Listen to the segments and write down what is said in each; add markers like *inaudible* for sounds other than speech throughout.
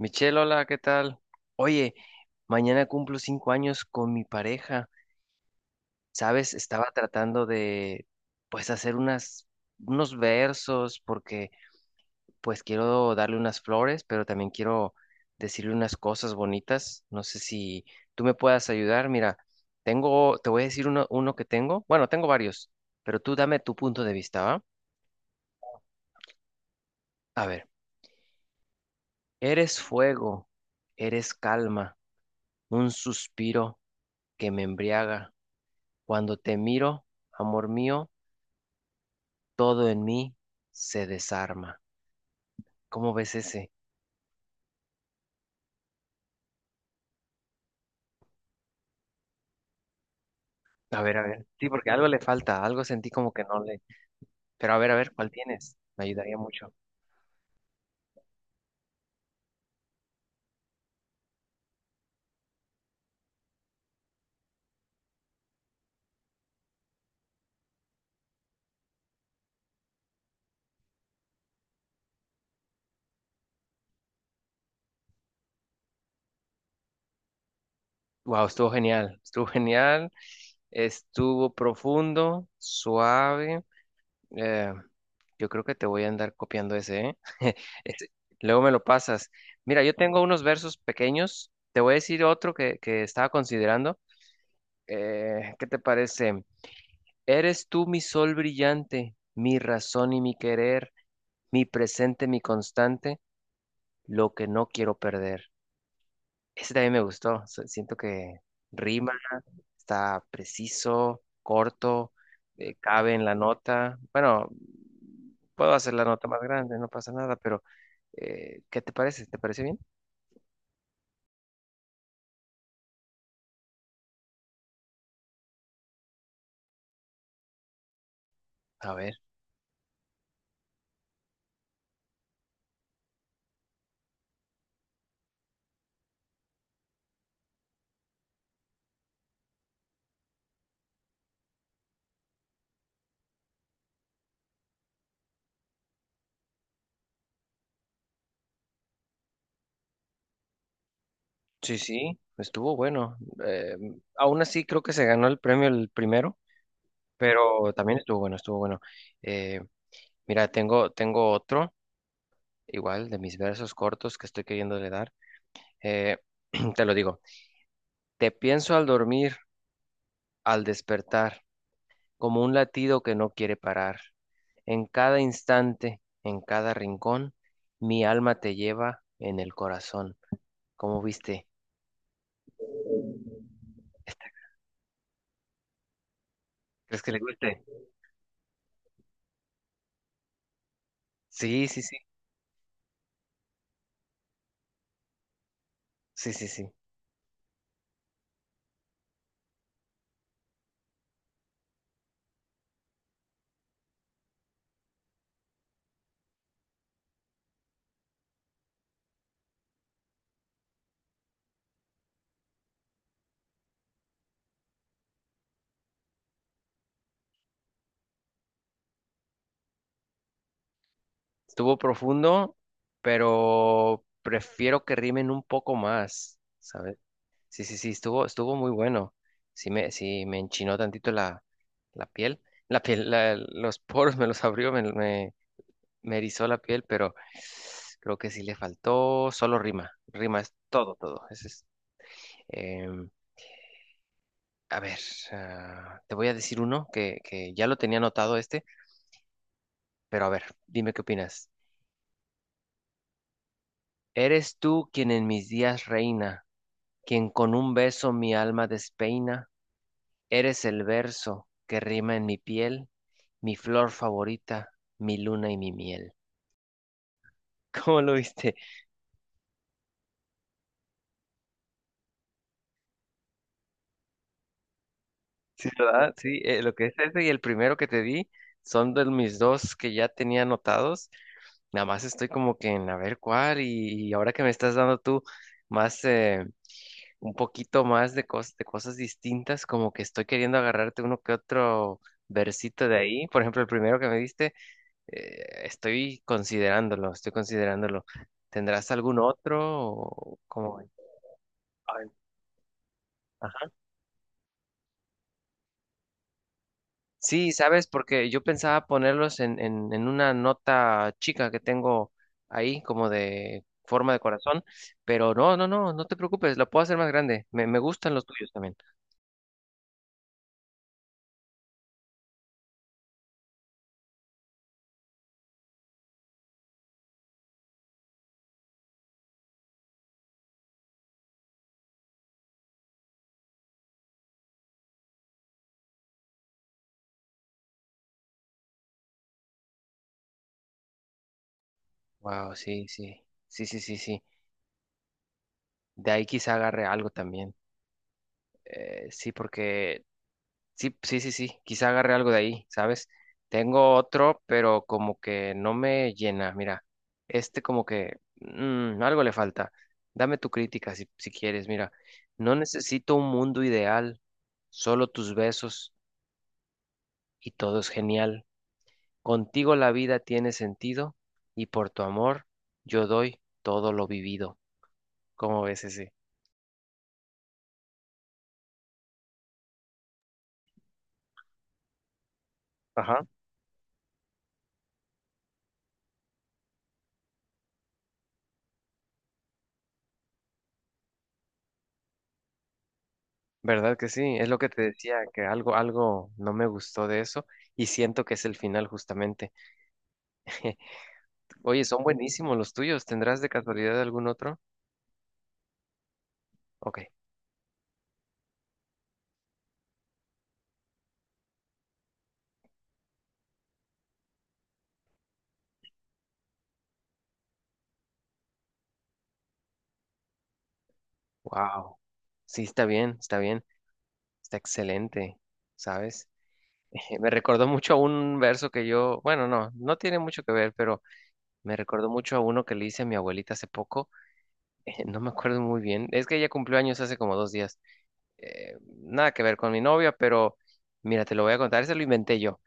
Michelle, hola, ¿qué tal? Oye, mañana cumplo 5 años con mi pareja. ¿Sabes? Estaba tratando de, pues, hacer unos versos porque, pues, quiero darle unas flores, pero también quiero decirle unas cosas bonitas. No sé si tú me puedas ayudar. Mira, te voy a decir uno que tengo. Bueno, tengo varios, pero tú dame tu punto de vista, ¿va? A ver, eres fuego, eres calma, un suspiro que me embriaga. Cuando te miro, amor mío, todo en mí se desarma. ¿Cómo ves ese? A ver, a ver. Sí, porque algo le falta, algo sentí como que no le. Pero a ver, ¿cuál tienes? Me ayudaría mucho. Wow, estuvo genial, estuvo genial, estuvo profundo, suave. Eh, yo creo que te voy a andar copiando ese, ¿eh? *laughs* Este, luego me lo pasas. Mira, yo tengo unos versos pequeños. Te voy a decir otro que estaba considerando. ¿Qué te parece? Eres tú mi sol brillante, mi razón y mi querer, mi presente, mi constante, lo que no quiero perder. Ese también me gustó. Siento que rima, está preciso, corto, cabe en la nota. Bueno, puedo hacer la nota más grande, no pasa nada, pero ¿qué te parece? ¿Te parece bien? A ver. Sí, sí, estuvo bueno. Eh, aún así creo que se ganó el premio el primero. Pero también estuvo bueno, estuvo bueno. Eh, mira, tengo otro, igual, de mis versos cortos que estoy queriendo le dar. Eh, *clears throat* te lo digo, te pienso al dormir, al despertar, como un latido que no quiere parar. En cada instante, en cada rincón, mi alma te lleva en el corazón. ¿Cómo viste? ¿Crees que le guste? Sí, sí, sí, sí, sí, sí. Estuvo profundo, pero prefiero que rimen un poco más, ¿sabes? Sí, sí, sí, estuvo muy bueno. Sí me enchinó tantito la piel. La piel, los poros me los abrió, me erizó la piel, pero creo que sí le faltó solo rima. Rima es todo, todo. Ese es, em, a ver, ah, te voy a decir uno que ya lo tenía anotado este, pero a ver, dime qué opinas. Eres tú quien en mis días reina, quien con un beso mi alma despeina. Eres el verso que rima en mi piel, mi flor favorita, mi luna y mi miel. *laughs* ¿Cómo lo viste? Sí, ¿verdad? Sí, lo que es ese y el primero que te di son de mis dos que ya tenía anotados. Nada más estoy como que en a ver cuál y ahora que me estás dando tú más, un poquito más de cosas distintas, como que estoy queriendo agarrarte uno que otro versito de ahí. Por ejemplo, el primero que me diste. Estoy considerándolo, estoy considerándolo. ¿Tendrás algún otro? ¿O cómo? ¿Ven? Ay, ajá. Sí, sabes, porque yo pensaba ponerlos en una nota chica que tengo ahí, como de forma de corazón, pero no, no, no, no te preocupes, lo puedo hacer más grande. Me gustan los tuyos también. Wow, sí, sí, sí, sí, sí, sí. De ahí quizá agarre algo también. Sí, porque sí, sí, sí, sí, quizá agarre algo de ahí, ¿sabes? Tengo otro, pero como que no me llena. Mira, este como que algo le falta. Dame tu crítica si quieres. Mira, no necesito un mundo ideal, solo tus besos y todo es genial. Contigo la vida tiene sentido y por tu amor yo doy todo lo vivido. ¿Cómo ves ese? Ajá. ¿Verdad que sí? Es lo que te decía, que algo no me gustó de eso y siento que es el final justamente. *laughs* Oye, son buenísimos los tuyos. ¿Tendrás de casualidad algún otro? Ok. Wow. Sí, está bien, está bien. Está excelente, ¿sabes? *laughs* Me recordó mucho a un verso que yo, bueno, no, no tiene mucho que ver, pero me recordó mucho a uno que le hice a mi abuelita hace poco. *laughs* No me acuerdo muy bien. Es que ella cumplió años hace como 2 días. Eh, nada que ver con mi novia, pero mira, te lo voy a contar. Ese lo inventé yo.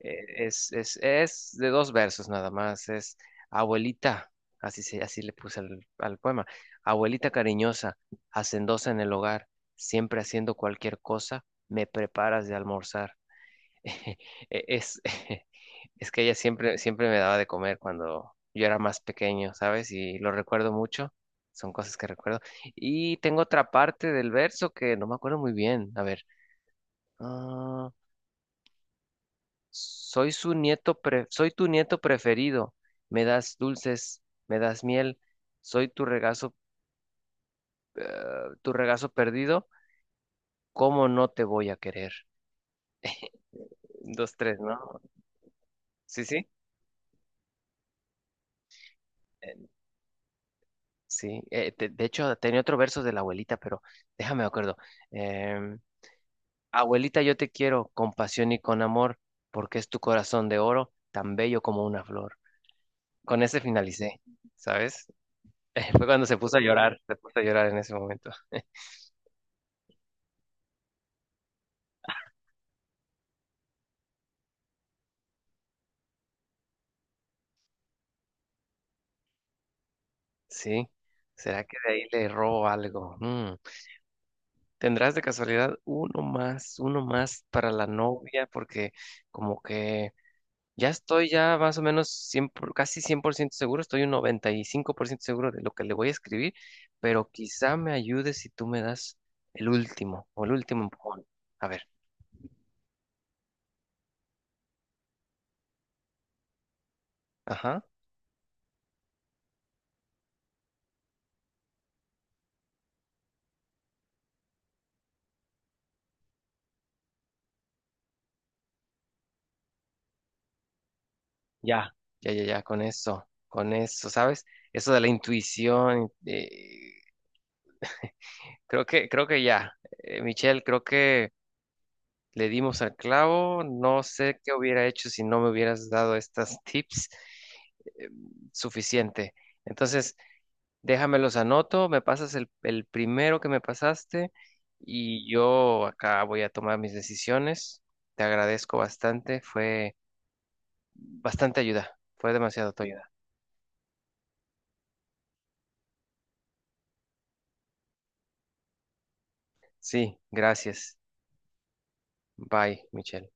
Es de dos versos nada más. Es abuelita, así le puse al poema. Abuelita cariñosa, hacendosa en el hogar, siempre haciendo cualquier cosa, me preparas de almorzar. *laughs* Es, *laughs* es que ella siempre, siempre me daba de comer cuando yo era más pequeño, ¿sabes? Y lo recuerdo mucho. Son cosas que recuerdo. Y tengo otra parte del verso que no me acuerdo muy bien. A ver. Ah, soy tu nieto preferido. Me das dulces, me das miel, soy eh, tu regazo perdido. ¿Cómo no te voy a querer? Dos, tres, ¿no? Sí, sí. Eh, Sí. De hecho, tenía otro verso de la abuelita, pero déjame me acuerdo. Em, abuelita, yo te quiero con pasión y con amor, porque es tu corazón de oro, tan bello como una flor. Con ese finalicé, ¿sabes? *laughs* Fue cuando se puso a llorar, se puso a llorar en ese momento. Sí, ¿será que de ahí le robo algo? Mm. ¿Tendrás de casualidad uno más para la novia? Porque como que ya estoy ya más o menos casi 100% seguro, estoy un 95% seguro de lo que le voy a escribir, pero quizá me ayude si tú me das el último o el último empujón. A ver, ajá, ya, ya, ya, ya, con eso, ¿sabes? Eso de la intuición, creo que ya, Michelle, creo que... Le dimos al clavo, no sé qué hubiera hecho si no me hubieras dado estas *laughs* tips eh, suficiente. Entonces, déjame los anoto, me pasas el primero que me pasaste y yo acá voy a tomar mis decisiones. Te agradezco bastante, fue bastante ayuda, fue demasiado tu ayuda. Sí, gracias. Bye, Michelle.